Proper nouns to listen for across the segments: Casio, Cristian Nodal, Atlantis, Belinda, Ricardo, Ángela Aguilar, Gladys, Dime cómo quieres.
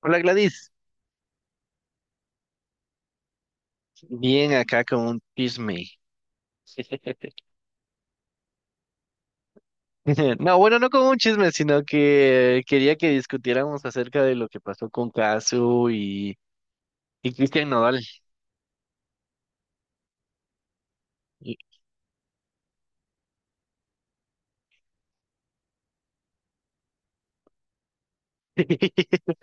Hola, Gladys, bien acá con un chisme. No, bueno, no con un chisme, sino que quería que discutiéramos acerca de lo que pasó con Casu y Cristian Nodal. Y-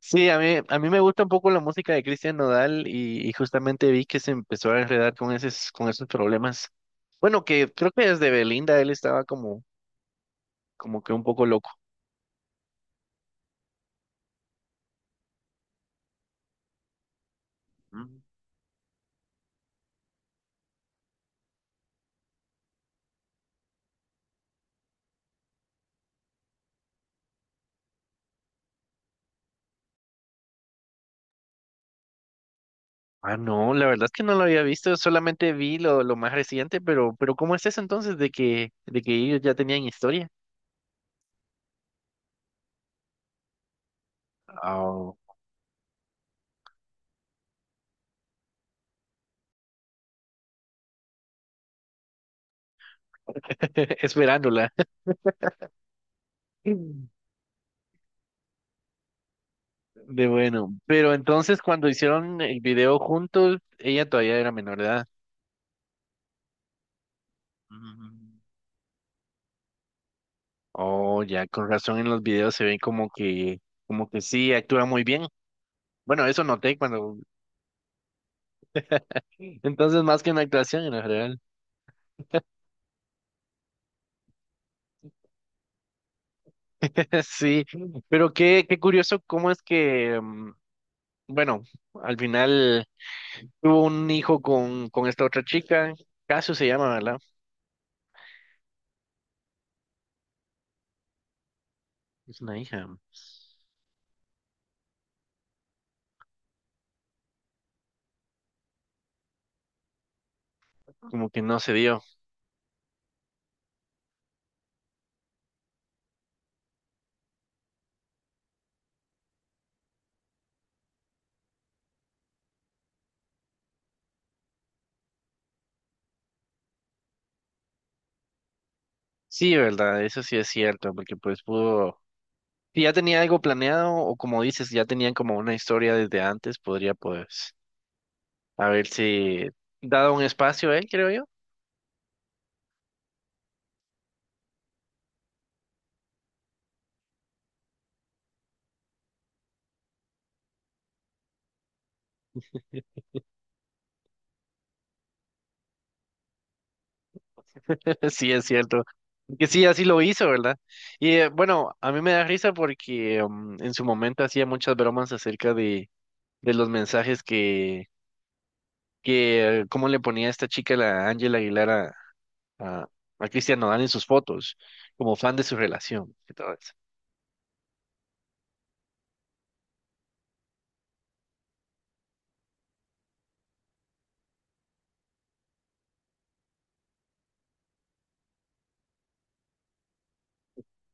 Sí, a mí me gusta un poco la música de Cristian Nodal y justamente vi que se empezó a enredar con esos problemas. Bueno, que creo que desde Belinda él estaba como, como que un poco loco. Ah, no, la verdad es que no lo había visto, solamente vi lo más reciente, pero ¿cómo es eso entonces de que ellos ya tenían historia? Oh. Esperándola. De bueno, pero entonces cuando hicieron el video juntos, ella todavía era menor de edad. Mm. Oh, ya, con razón en los videos se ve como que sí, actúa muy bien. Bueno, eso noté cuando, entonces más que una actuación en general. Sí, pero qué, qué curioso cómo es que, bueno, al final tuvo un hijo con esta otra chica. Casio se llama, ¿verdad? Es una hija, como que no se dio. Sí, ¿verdad? Eso sí es cierto, porque pues pudo, si ya tenía algo planeado o como dices, ya tenían como una historia desde antes, podría pues haberse dado un espacio a él, creo yo. Sí, es cierto. Que sí, así lo hizo, ¿verdad? Y bueno, a mí me da risa porque en su momento hacía muchas bromas acerca de los mensajes que, cómo le ponía esta chica, la Ángela Aguilar a, a Cristian Nodal en sus fotos, como fan de su relación y todo eso.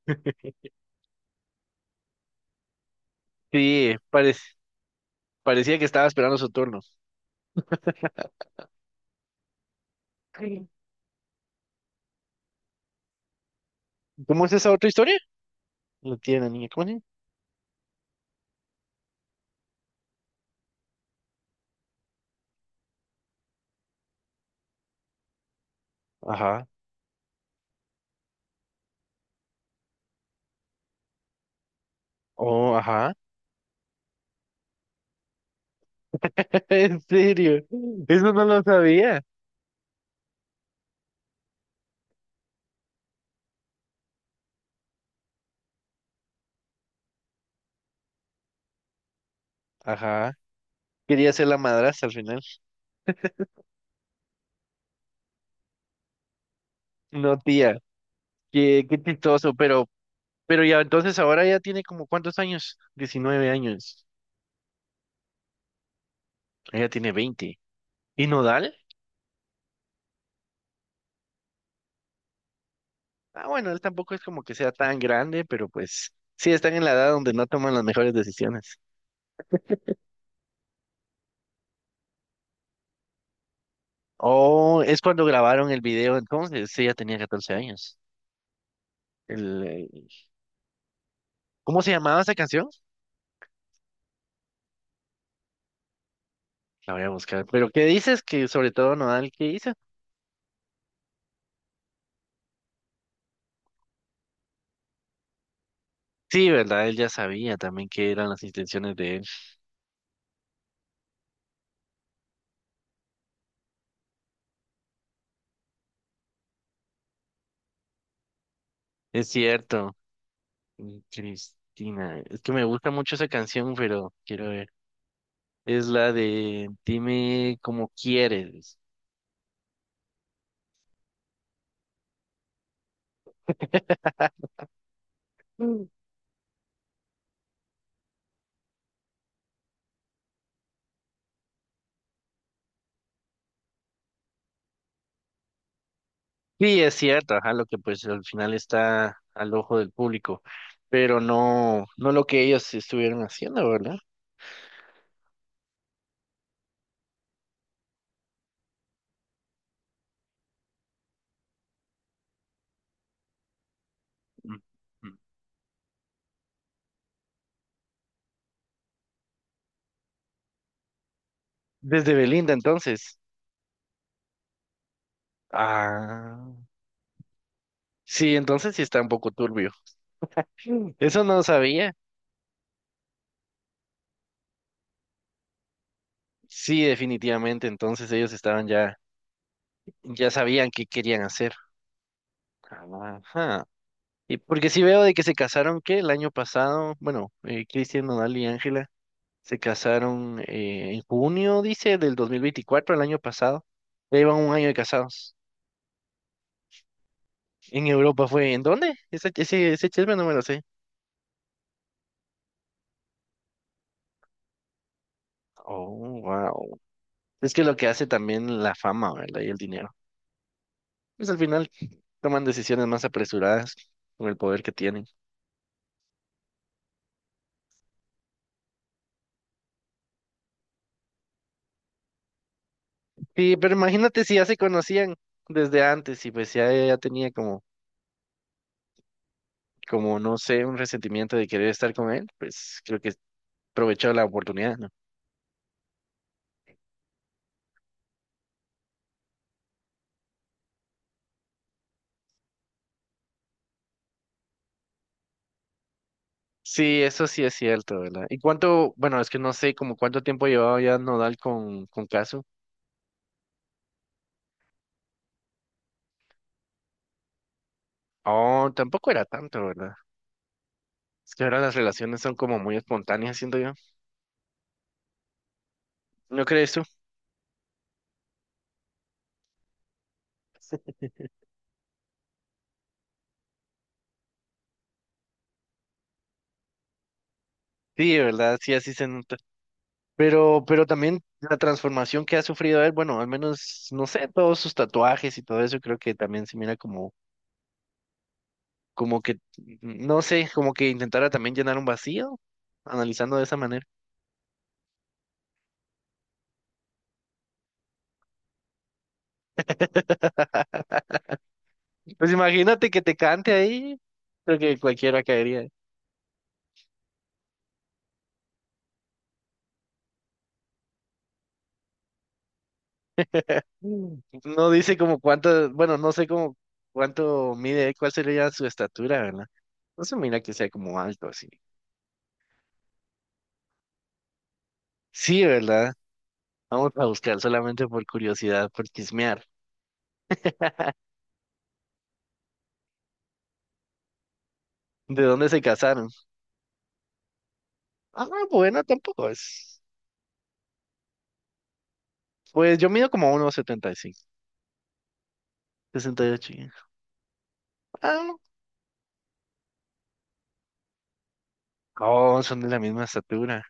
Sí, parecía que estaba esperando su turno. Sí. ¿Cómo es esa otra historia? No tiene la niña, ¿cómo se llama? Ajá. Oh, ajá. ¿En serio? Eso no lo sabía. Ajá. Quería ser la madrastra al final. No, tía. Qué, qué chistoso, pero ya entonces ahora ya tiene como ¿cuántos años? 19 años. Ella tiene 20. ¿Y Nodal? Ah, bueno, él tampoco es como que sea tan grande, pero pues sí están en la edad donde no toman las mejores decisiones. Oh, es cuando grabaron el video entonces, sí, ya tenía 14 años. El, el- ¿Cómo se llamaba esa canción? La voy a buscar. Pero ¿qué dices que sobre todo Nodal qué hizo? Sí, ¿verdad? Él ya sabía también qué eran las intenciones de él. Es cierto, Cristina. Es que me gusta mucho esa canción, pero quiero ver. Es la de Dime cómo quieres. Sí, es cierto, ajá, lo que pues al final está al ojo del público, pero no, no lo que ellos estuvieron haciendo, ¿verdad? Ujú. Desde Belinda entonces. Ah, sí, entonces sí está un poco turbio. Eso no sabía. Sí, definitivamente, entonces ellos estaban ya, ya sabían qué querían hacer. Ajá. Y porque sí veo de que se casaron, ¿qué? El año pasado, bueno, Cristian Nodal y Ángela. Se casaron en junio, dice, del 2024 el año pasado. Ya llevan un año de casados. En Europa fue. ¿En dónde? Ese chisme no me lo sé. Oh, wow. Es que lo que hace también la fama, ¿verdad? Y el dinero. Pues al final toman decisiones más apresuradas con el poder que tienen. Sí, pero imagínate si ya se conocían desde antes y pues ya, ya tenía como, como, no sé, un resentimiento de querer estar con él, pues creo que aprovechó la oportunidad, ¿no? Sí, eso sí es cierto, ¿verdad? ¿Y cuánto, bueno, es que no sé como cuánto tiempo llevaba ya Nodal con Caso? Oh, tampoco era tanto, ¿verdad? Es que ahora las relaciones son como muy espontáneas, siento yo. ¿No crees tú? Sí, de ¿verdad? Sí, así se nota. Pero también la transformación que ha sufrido él, bueno, al menos, no sé, todos sus tatuajes y todo eso, creo que también se mira como, como que, no sé, como que intentara también llenar un vacío, analizando de esa manera. Pues imagínate que te cante ahí. Creo que cualquiera caería. Mm. No dice como cuánto, bueno, no sé como cuánto mide, cuál sería su estatura, ¿verdad? No se mira que sea como alto así. Sí, ¿verdad? Vamos a buscar solamente por curiosidad, por chismear. ¿De dónde se casaron? Ah, bueno, tampoco es. Pues yo mido como 1,75, 68. Ya. Ah, oh, son de la misma estatura.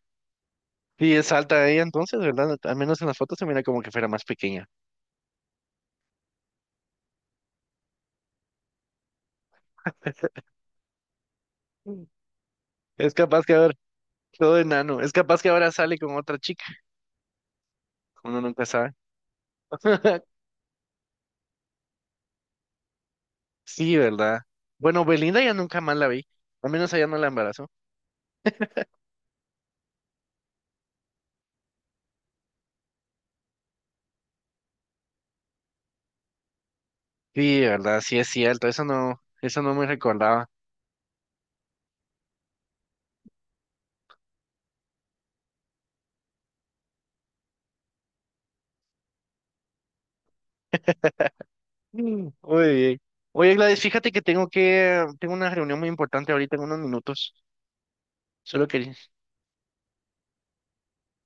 Y es alta ella entonces, ¿verdad? Al menos en las fotos se mira como que fuera más pequeña. Es capaz que haber todo enano. Es capaz que ahora sale con otra chica. Uno nunca sabe. Sí, ¿verdad? Bueno, Belinda ya nunca más la vi. Al menos allá no la embarazó. Sí, ¿verdad? Sí es cierto. Eso no me recordaba. Mm, muy bien. Oye, Gladys, fíjate que, tengo una reunión muy importante ahorita en unos minutos. Solo quería,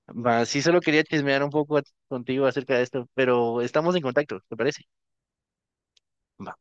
va, sí, solo quería chismear un poco contigo acerca de esto, pero estamos en contacto, ¿te parece? Va.